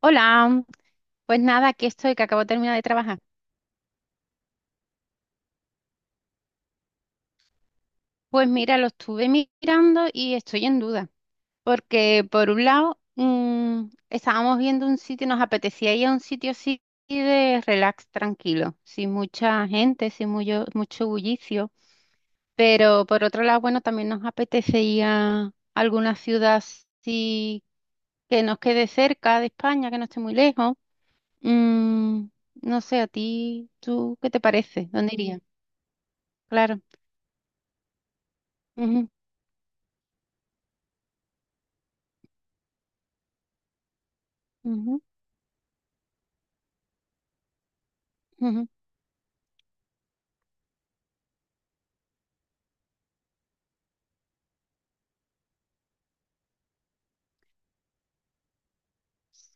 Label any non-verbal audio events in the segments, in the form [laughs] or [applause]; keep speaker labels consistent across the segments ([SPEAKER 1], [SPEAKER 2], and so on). [SPEAKER 1] Hola, pues nada, aquí estoy, que acabo de terminar de trabajar. Pues mira, lo estuve mirando y estoy en duda, porque por un lado estábamos viendo un sitio, nos apetecía ir a un sitio así de relax, tranquilo, sin mucha gente, sin mucho, mucho bullicio, pero por otro lado, bueno, también nos apetecía alguna ciudad así que nos quede cerca de España, que no esté muy lejos. Mm, no sé, a ti, ¿tú qué te parece? ¿Dónde irías? Claro. Ujú. Ujú, ujú,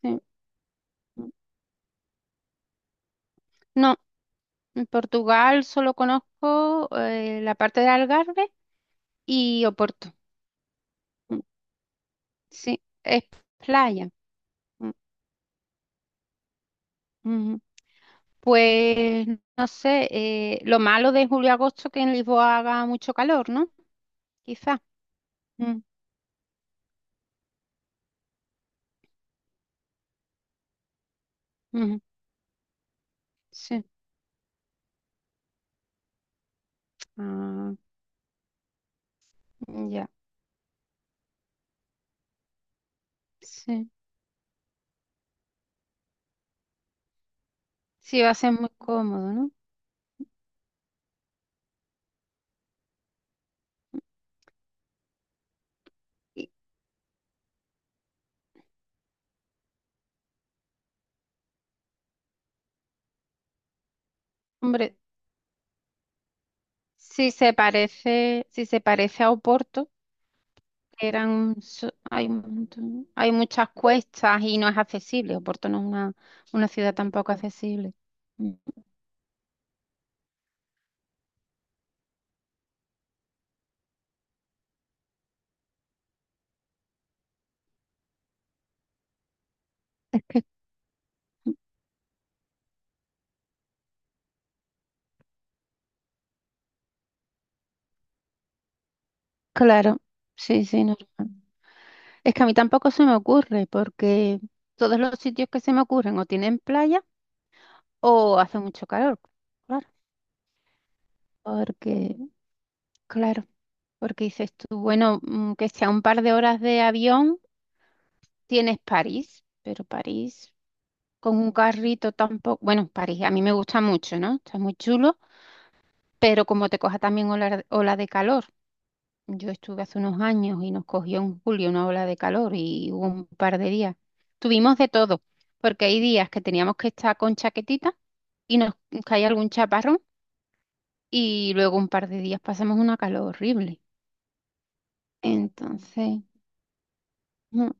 [SPEAKER 1] sí. No, en Portugal solo conozco la parte de Algarve y Oporto. Mm. Sí, es playa. Mm, ujú. Pues no sé, lo malo de julio-agosto que en Lisboa haga mucho calor, ¿no? Quizá. Mm, ujú, sí. Ah, ya, sí. Sí, va a ser muy cómodo, ¿no? Y, hombre, si se parece a Oporto. Eran, hay, hay muchas cuestas y no es accesible. Oporto no es una ciudad tampoco accesible. Mm. Claro, sí, sí, normal. Es que a mí tampoco se me ocurre porque todos los sitios que se me ocurren o tienen playa o hace mucho calor. Claro, porque, claro, porque dices tú, bueno, que sea un par de horas de avión, tienes París, pero París con un carrito tampoco. Bueno, París a mí me gusta mucho, ¿no? Está muy chulo, pero como te coja también ola de calor, yo estuve hace unos años y nos cogió en julio una ola de calor y hubo un par de días. Tuvimos de todo, porque hay días que teníamos que estar con chaquetita y nos caía algún chaparrón y luego un par de días pasamos una calor horrible. Entonces, mm,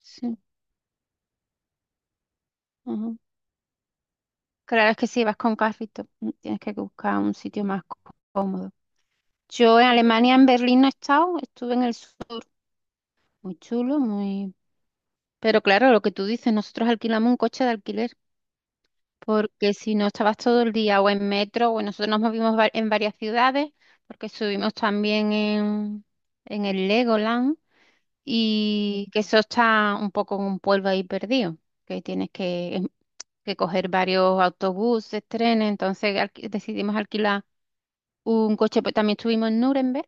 [SPEAKER 1] sí, ujú. Claro, es que si vas con carrito, tienes que buscar un sitio más cómodo. Yo en Alemania, en Berlín, no he estado, estuve en el sur, muy chulo, muy pero claro, lo que tú dices, nosotros alquilamos un coche de alquiler, porque si no estabas todo el día o en metro, o nosotros nos movimos en varias ciudades, porque subimos también en el Legoland, y que eso está un poco en un pueblo ahí perdido, que tienes que coger varios autobuses, trenes, entonces decidimos alquilar un coche, pues también estuvimos en Nuremberg.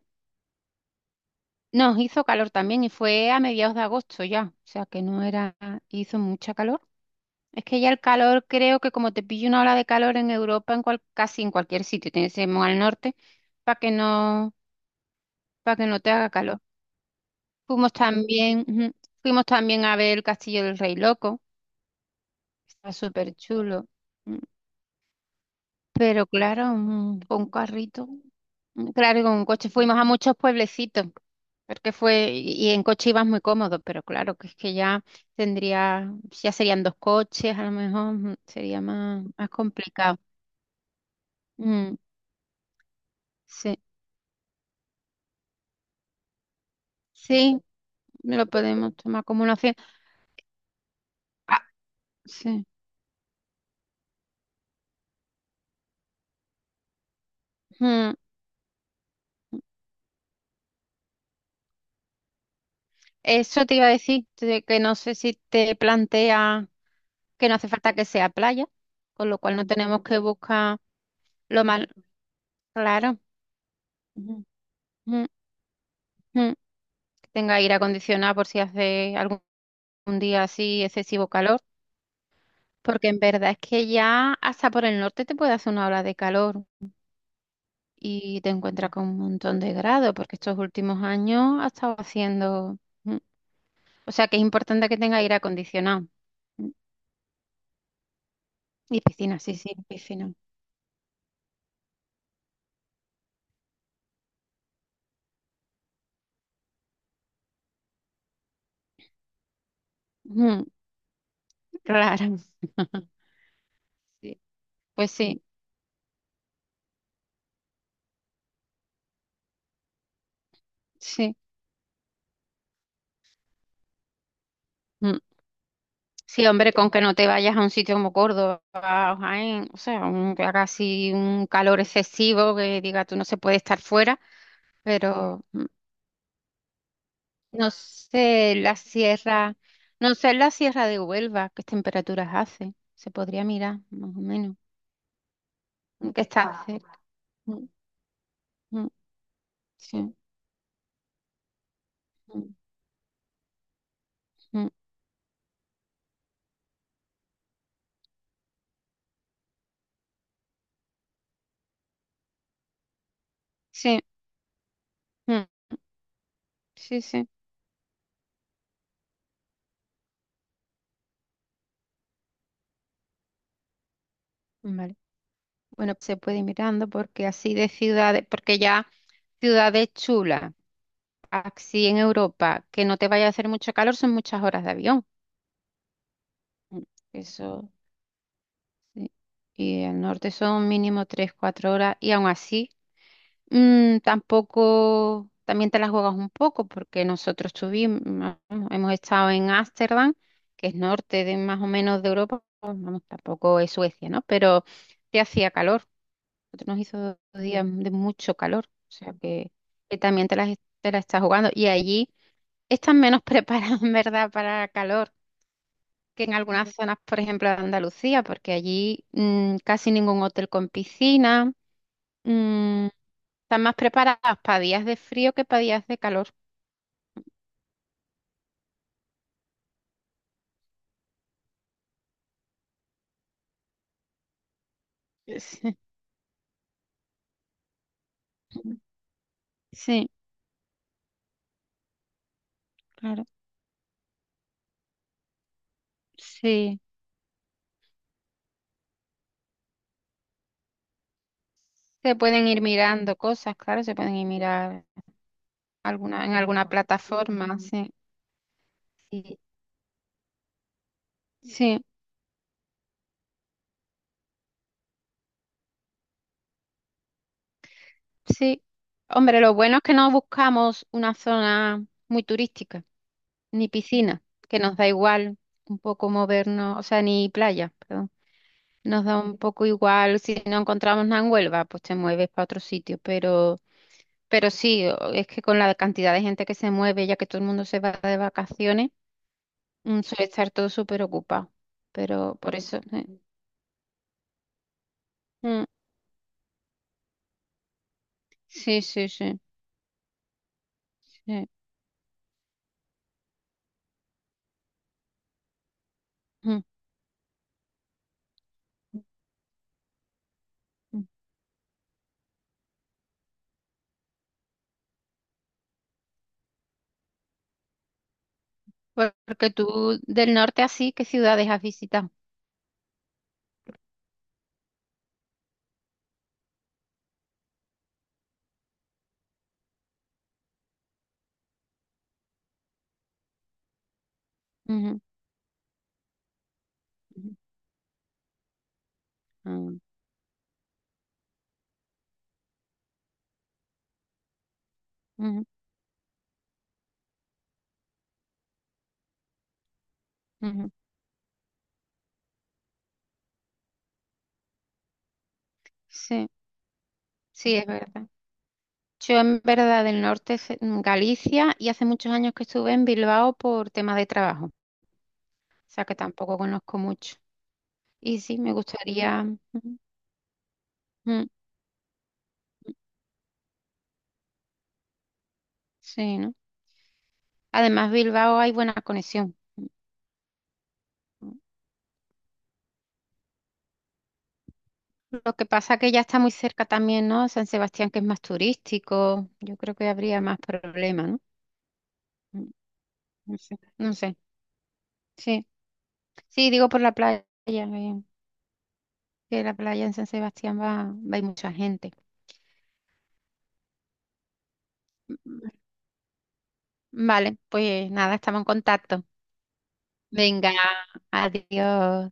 [SPEAKER 1] Nos hizo calor también y fue a mediados de agosto ya, o sea que no era, hizo mucha calor. Es que ya el calor, creo que como te pilla una ola de calor en Europa, casi en cualquier sitio, tienes que ir al norte para que no, para que no te haga calor. Ujú, fuimos también a ver el Castillo del Rey Loco, está súper chulo. mm, Pero claro, con un carrito, claro, y con un coche fuimos a muchos pueblecitos, porque fue, y en coche ibas muy cómodo, pero claro, que es que ya tendría, ya serían dos coches, a lo mejor sería más, más complicado. Mm, sí. Sí, lo podemos tomar como una opción. Ah, sí. Mm, Eso te iba a decir, de que no sé si te plantea que no hace falta que sea playa, con lo cual no tenemos que buscar lo más claro. Ujú, ujú, ujú. Que tenga aire acondicionado por si hace algún día así excesivo calor, porque en verdad es que ya hasta por el norte te puede hacer una ola de calor y te encuentras con un montón de grados, porque estos últimos años ha estado haciendo... O sea que es importante que tenga aire acondicionado. Mm, Y piscina, sí, sí, piscina. Mm, Rara. [laughs] Sí, pues sí, sí. Mm. Sí, hombre, con que no te vayas a un sitio como Córdoba o Jaén, o sea, que haga así un calor excesivo, que diga tú no se puede estar fuera, pero no sé la sierra, de Huelva, qué temperaturas hace, se podría mirar más o menos, que está cerca. Mm, mm, sí, mm, mm, sí. Mm. Sí, sí, vale. Bueno, se puede ir mirando porque así de ciudades, porque ya ciudades chulas, así en Europa, que no te vaya a hacer mucho calor, son muchas horas de avión. Mm, eso, sí. Y al norte son mínimo tres, cuatro horas, y aún así, tampoco, también te las juegas un poco, porque hemos estado en Ámsterdam, que es norte de más o menos de Europa, pues, vamos, tampoco es Suecia, ¿no? Pero te hacía calor. Nosotros nos hizo dos días de mucho calor, o sea que también te las estás jugando. Y allí están menos [laughs] preparados, en verdad, para calor que en algunas zonas, por ejemplo, de Andalucía, porque allí casi ningún hotel con piscina, mm, están más preparados para días de frío que para días de calor. [laughs] Sí, sí, claro, sí. Se pueden ir mirando cosas, claro, se pueden ir mirar alguna, en alguna plataforma, sí. Sí. Sí. Sí, hombre, lo bueno es que no buscamos una zona muy turística, ni piscina, que nos da igual un poco movernos, o sea, ni playa, perdón. Nos da un poco igual si no encontramos nada en Huelva, pues te mueves para otro sitio, sí, es que con la cantidad de gente que se mueve, ya que todo el mundo se va de vacaciones, suele estar todo súper ocupado. Pero por eso, mm, sí, sí, sí, sí. Mm, mm. Porque tú del norte así, ¿qué ciudades has visitado? Ujú, ujú, ujú, ujú, ujú. Sí, sí, es verdad. Yo en verdad del norte, en Galicia, y hace muchos años que estuve en Bilbao por temas de trabajo, o sea que tampoco conozco mucho. Y sí, me gustaría, ujú, ujú, sí, ¿no? Además, Bilbao hay buena conexión. Ujú. Lo que pasa que ya está muy cerca también, ¿no? San Sebastián, que es más turístico, yo creo que habría más problemas, ¿no? Mm, No sé, no sé. Sí, sí, digo por la playa. Que la playa en San Sebastián va a ir mucha gente. Vale, pues nada, estamos en contacto. Venga, adiós.